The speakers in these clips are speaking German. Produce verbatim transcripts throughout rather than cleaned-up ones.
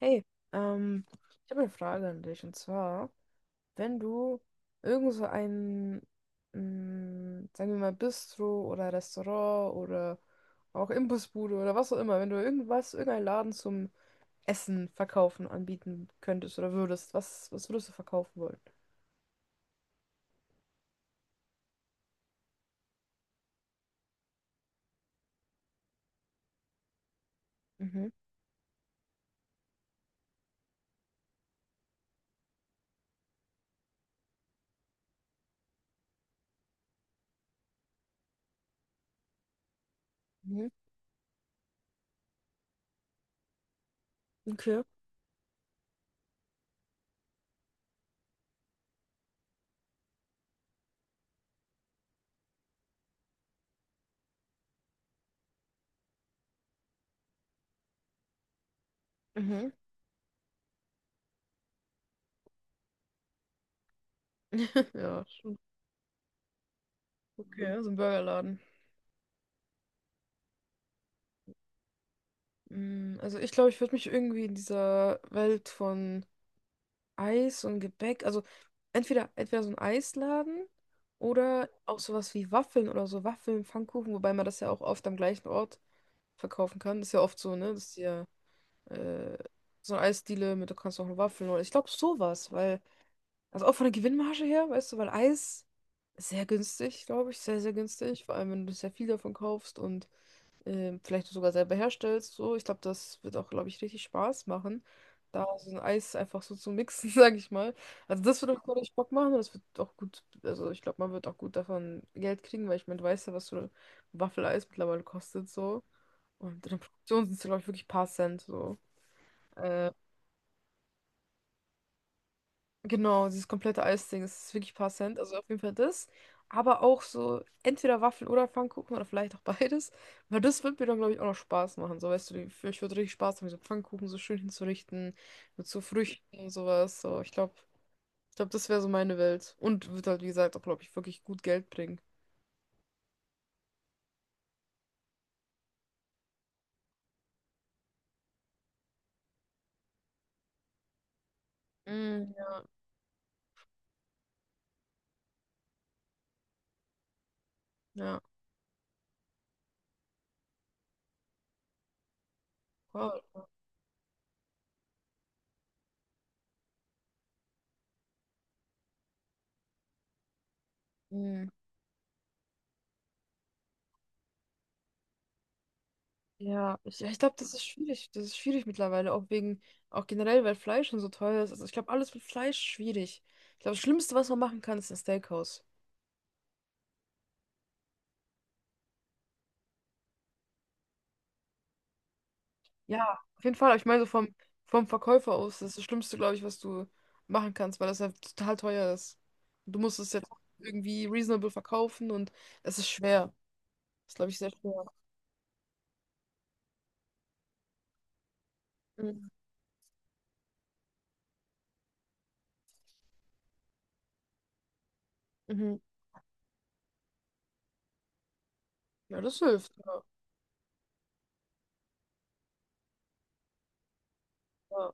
Hey, ähm, ich habe eine Frage an dich, und zwar, wenn du irgend so ein, mh, sagen wir mal, Bistro oder Restaurant oder auch Imbissbude oder was auch immer, wenn du irgendwas, irgendeinen Laden zum Essen verkaufen, anbieten könntest oder würdest, was, was würdest du verkaufen wollen? Mhm. Mhm. Okay. Mhm. Ja, schon. Okay, so ein Burgerladen. Mm, Also ich glaube, ich würde mich irgendwie in dieser Welt von Eis und Gebäck, also entweder, entweder so ein Eisladen oder auch sowas wie Waffeln oder so, Waffeln, Pfannkuchen, wobei man das ja auch oft am gleichen Ort verkaufen kann. Das ist ja oft so, ne? Das ist ja äh, so eine Eisdiele mit, du kannst auch Waffeln oder ich glaube sowas, weil, also auch von der Gewinnmarge her, weißt du, weil Eis ist sehr günstig, glaube ich, sehr, sehr günstig, vor allem wenn du sehr viel davon kaufst und ähm, vielleicht sogar selber herstellst. So, ich glaube, das wird auch, glaube ich, richtig Spaß machen, da so ein Eis einfach so zu mixen, sage ich mal. Also das wird auch, glaube ich, Bock machen, und das wird auch gut, also ich glaube, man wird auch gut davon Geld kriegen, weil ich meine, du weißt ja, was so ein Waffeleis mittlerweile kostet, so. Und in der Produktion sind es, glaube ich, wirklich ein paar Cent, so. Äh, Genau, dieses komplette Eisding, das ist wirklich ein paar Cent. Also auf jeden Fall das. Aber auch so entweder Waffeln oder Pfannkuchen oder vielleicht auch beides. Weil das wird mir dann, glaube ich, auch noch Spaß machen. So, weißt du, die- ich würde richtig Spaß haben, so Pfannkuchen so schön hinzurichten, mit so Früchten und sowas. So, ich glaube, ich glaube, das wäre so meine Welt. Und wird halt, wie gesagt, auch, glaube ich, wirklich gut Geld bringen. Mm, ja. Ja, wow. Mm. Ja, ich, ja, ich glaube, das ist schwierig. Das ist schwierig mittlerweile, auch wegen, auch generell, weil Fleisch schon so teuer ist. Also ich glaube, alles mit Fleisch schwierig. Ich glaube, das Schlimmste, was man machen kann, ist ein Steakhouse. Ja, auf jeden Fall. Aber ich meine, so vom, vom Verkäufer aus, das ist das Schlimmste, glaube ich, was du machen kannst, weil das halt total teuer ist. Du musst es jetzt irgendwie reasonable verkaufen, und es ist schwer. Das ist, glaube ich, sehr schwer. Mhm. Mhm. Ja, das hilft. Ja, ja,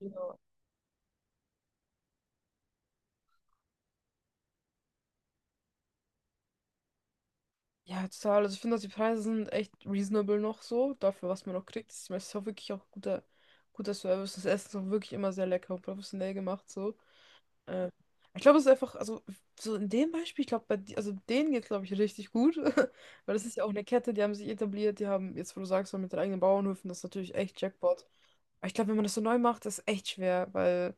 ja. Ja, total. Also ich finde, dass die Preise sind echt reasonable noch so, dafür, was man noch kriegt. Ich meine, es ist auch wirklich auch guter, guter Service. Das Essen ist auch wirklich immer sehr lecker und professionell gemacht so. Äh, ich glaube, es ist einfach, also so in dem Beispiel, ich glaube, bei die- also denen geht es, glaube ich, richtig gut. Weil das ist ja auch eine Kette, die haben sich etabliert, die haben, jetzt wo du sagst, so mit den eigenen Bauernhöfen, das ist natürlich echt Jackpot. Aber ich glaube, wenn man das so neu macht, ist echt schwer, weil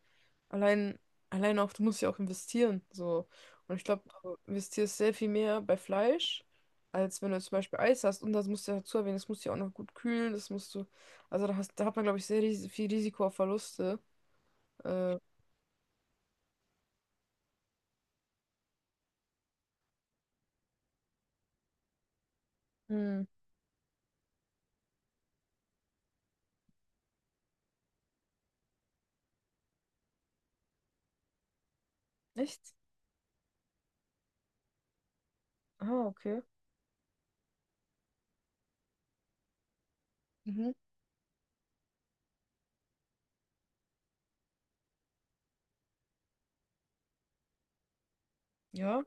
allein, allein auch, du musst ja auch investieren. So. Und ich glaube, du investierst sehr viel mehr bei Fleisch, als wenn du zum Beispiel Eis hast. Und das musst du ja dazu erwähnen, das musst du ja auch noch gut kühlen, das musst du. Also da hast, da hat man, glaube ich, sehr ris viel Risiko auf Verluste. Äh, hm, echt? Ah, okay. Mhm. Ja.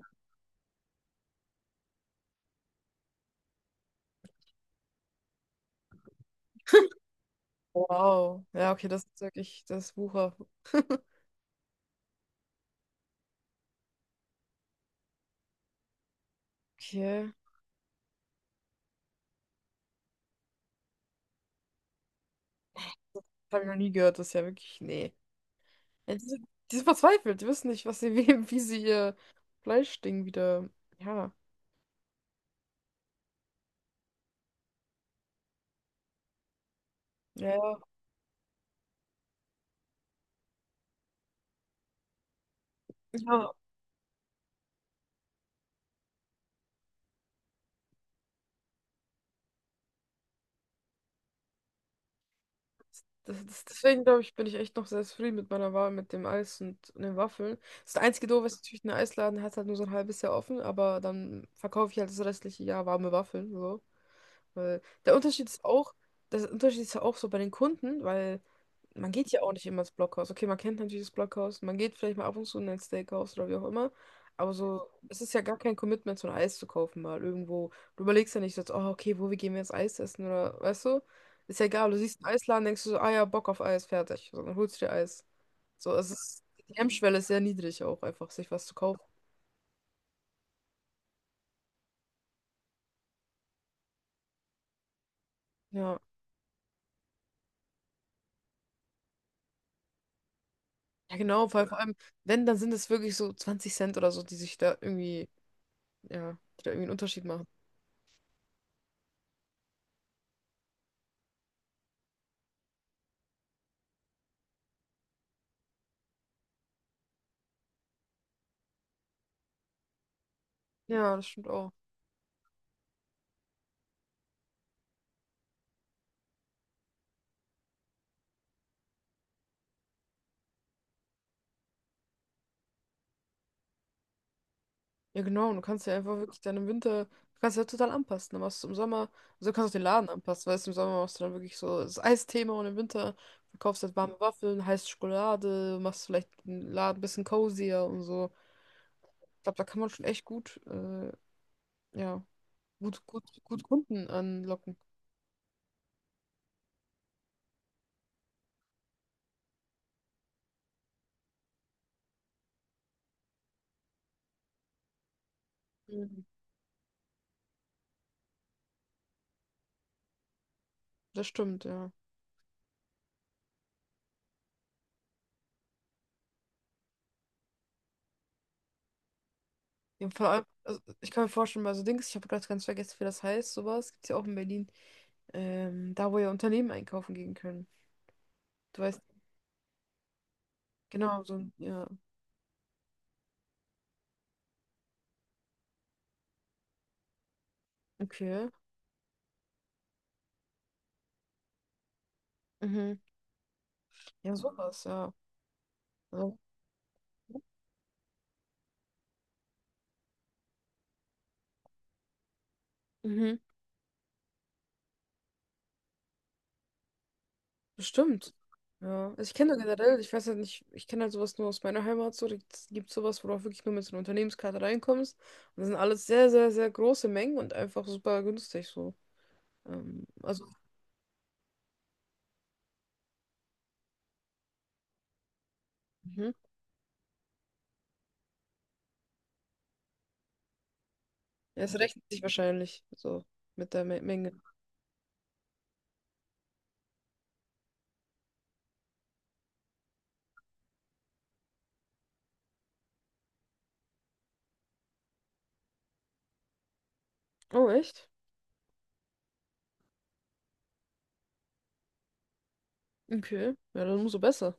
Wow. Ja, okay, das ist wirklich, das ist Wucher. Okay. Das habe ich noch nie gehört, das ist ja wirklich. Nee. Ja, die sind, die sind verzweifelt, die wissen nicht, was sie, wie, wie sie ihr Fleischding wieder. Ja. Ja, ja. Ja. Das, das, deswegen glaube ich, bin ich echt noch sehr zufrieden mit meiner Wahl mit dem Eis und, und den Waffeln. Das einzige Doofe ist natürlich, ein Eisladen hat halt nur so ein halbes Jahr offen, aber dann verkaufe ich halt das restliche Jahr warme Waffeln. So. Weil der Unterschied ist auch, der Unterschied ist ja auch so bei den Kunden, weil man geht ja auch nicht immer ins Blockhaus. Okay, man kennt natürlich das Blockhaus, man geht vielleicht mal ab und zu in ein Steakhouse oder wie auch immer, aber so, es ist ja gar kein Commitment, so ein Eis zu kaufen mal irgendwo. Du überlegst ja nicht so, jetzt, oh, okay, wo, wie gehen wir jetzt Eis essen, oder, weißt du? Ist ja egal, du siehst einen Eisladen, denkst du so, ah ja, Bock auf Eis, fertig. So, dann holst du dir Eis. So, es ist, die Hemmschwelle ist sehr niedrig auch einfach, sich was zu kaufen. Ja, ja genau, vor vor allem, wenn, dann sind es wirklich so zwanzig Cent oder so, die sich da irgendwie, ja, die da irgendwie einen Unterschied machen. Ja, das stimmt auch. Ja, genau. Und du kannst ja einfach wirklich dann im Winter, du kannst ja total anpassen. Dann machst du im Sommer, also du kannst auch den Laden anpassen, weißt du, im Sommer machst du dann wirklich so das Eisthema, und im Winter verkaufst du halt warme Waffeln, heiße Schokolade, machst vielleicht den Laden ein bisschen cozier und so. Ich glaube, da kann man schon echt gut, äh, ja, gut, gut, gut Kunden anlocken. Mhm. Das stimmt, ja. Ja, vor allem, also ich kann mir vorstellen, bei so Dings, ich habe gerade ganz vergessen, wie das heißt, sowas, gibt es ja auch in Berlin. Ähm, da wo ja Unternehmen einkaufen gehen können. Du weißt, genau, so ein, ja, okay. Mhm. Ja, sowas, ja. Ja. Mhm. Bestimmt. Ja. Also ich kenne da generell, ich weiß halt nicht, ich kenne halt sowas nur aus meiner Heimat, so, da gibt sowas, wo du auch wirklich nur mit so einer Unternehmenskarte reinkommst. Und das sind alles sehr, sehr, sehr große Mengen und einfach super günstig so. Ähm, also, mhm. Ja, es rechnet sich wahrscheinlich so mit der Me Menge. Oh, echt? Okay. Ja, dann umso besser.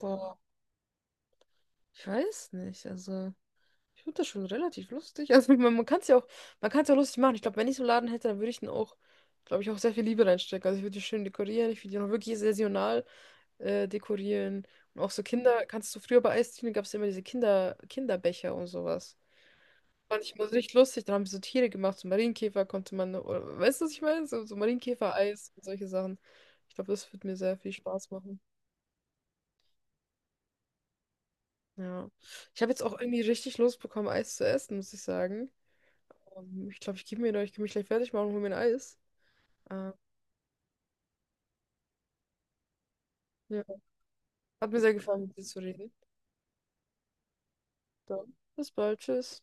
Boah, ich weiß nicht, also. Ich finde das schon relativ lustig. Also man, man kann es ja auch, man kann es ja lustig machen. Ich glaube, wenn ich so einen Laden hätte, dann würde ich den auch, glaube ich, auch sehr viel Liebe reinstecken. Also ich würde die schön dekorieren, ich würde die auch wirklich saisonal äh, dekorieren. Und auch so Kinder, kannst du früher bei Eisdielen, gab es immer diese Kinder, Kinderbecher und sowas. Fand ich immer so richtig lustig. Dann haben sie so Tiere gemacht, so Marienkäfer konnte man, oder, weißt du, was ich meine? So, so Marienkäfer-Eis und solche Sachen. Ich glaube, das wird mir sehr viel Spaß machen. Ja. Ich habe jetzt auch irgendwie richtig Lust bekommen, Eis zu essen, muss ich sagen. Ähm, ich glaube, ich gebe mir noch, ich kann mich gleich fertig machen und hol mir ein Eis. Ähm, ja. Hat mir sehr gefallen, mit dir zu reden. Dann, bis bald, tschüss.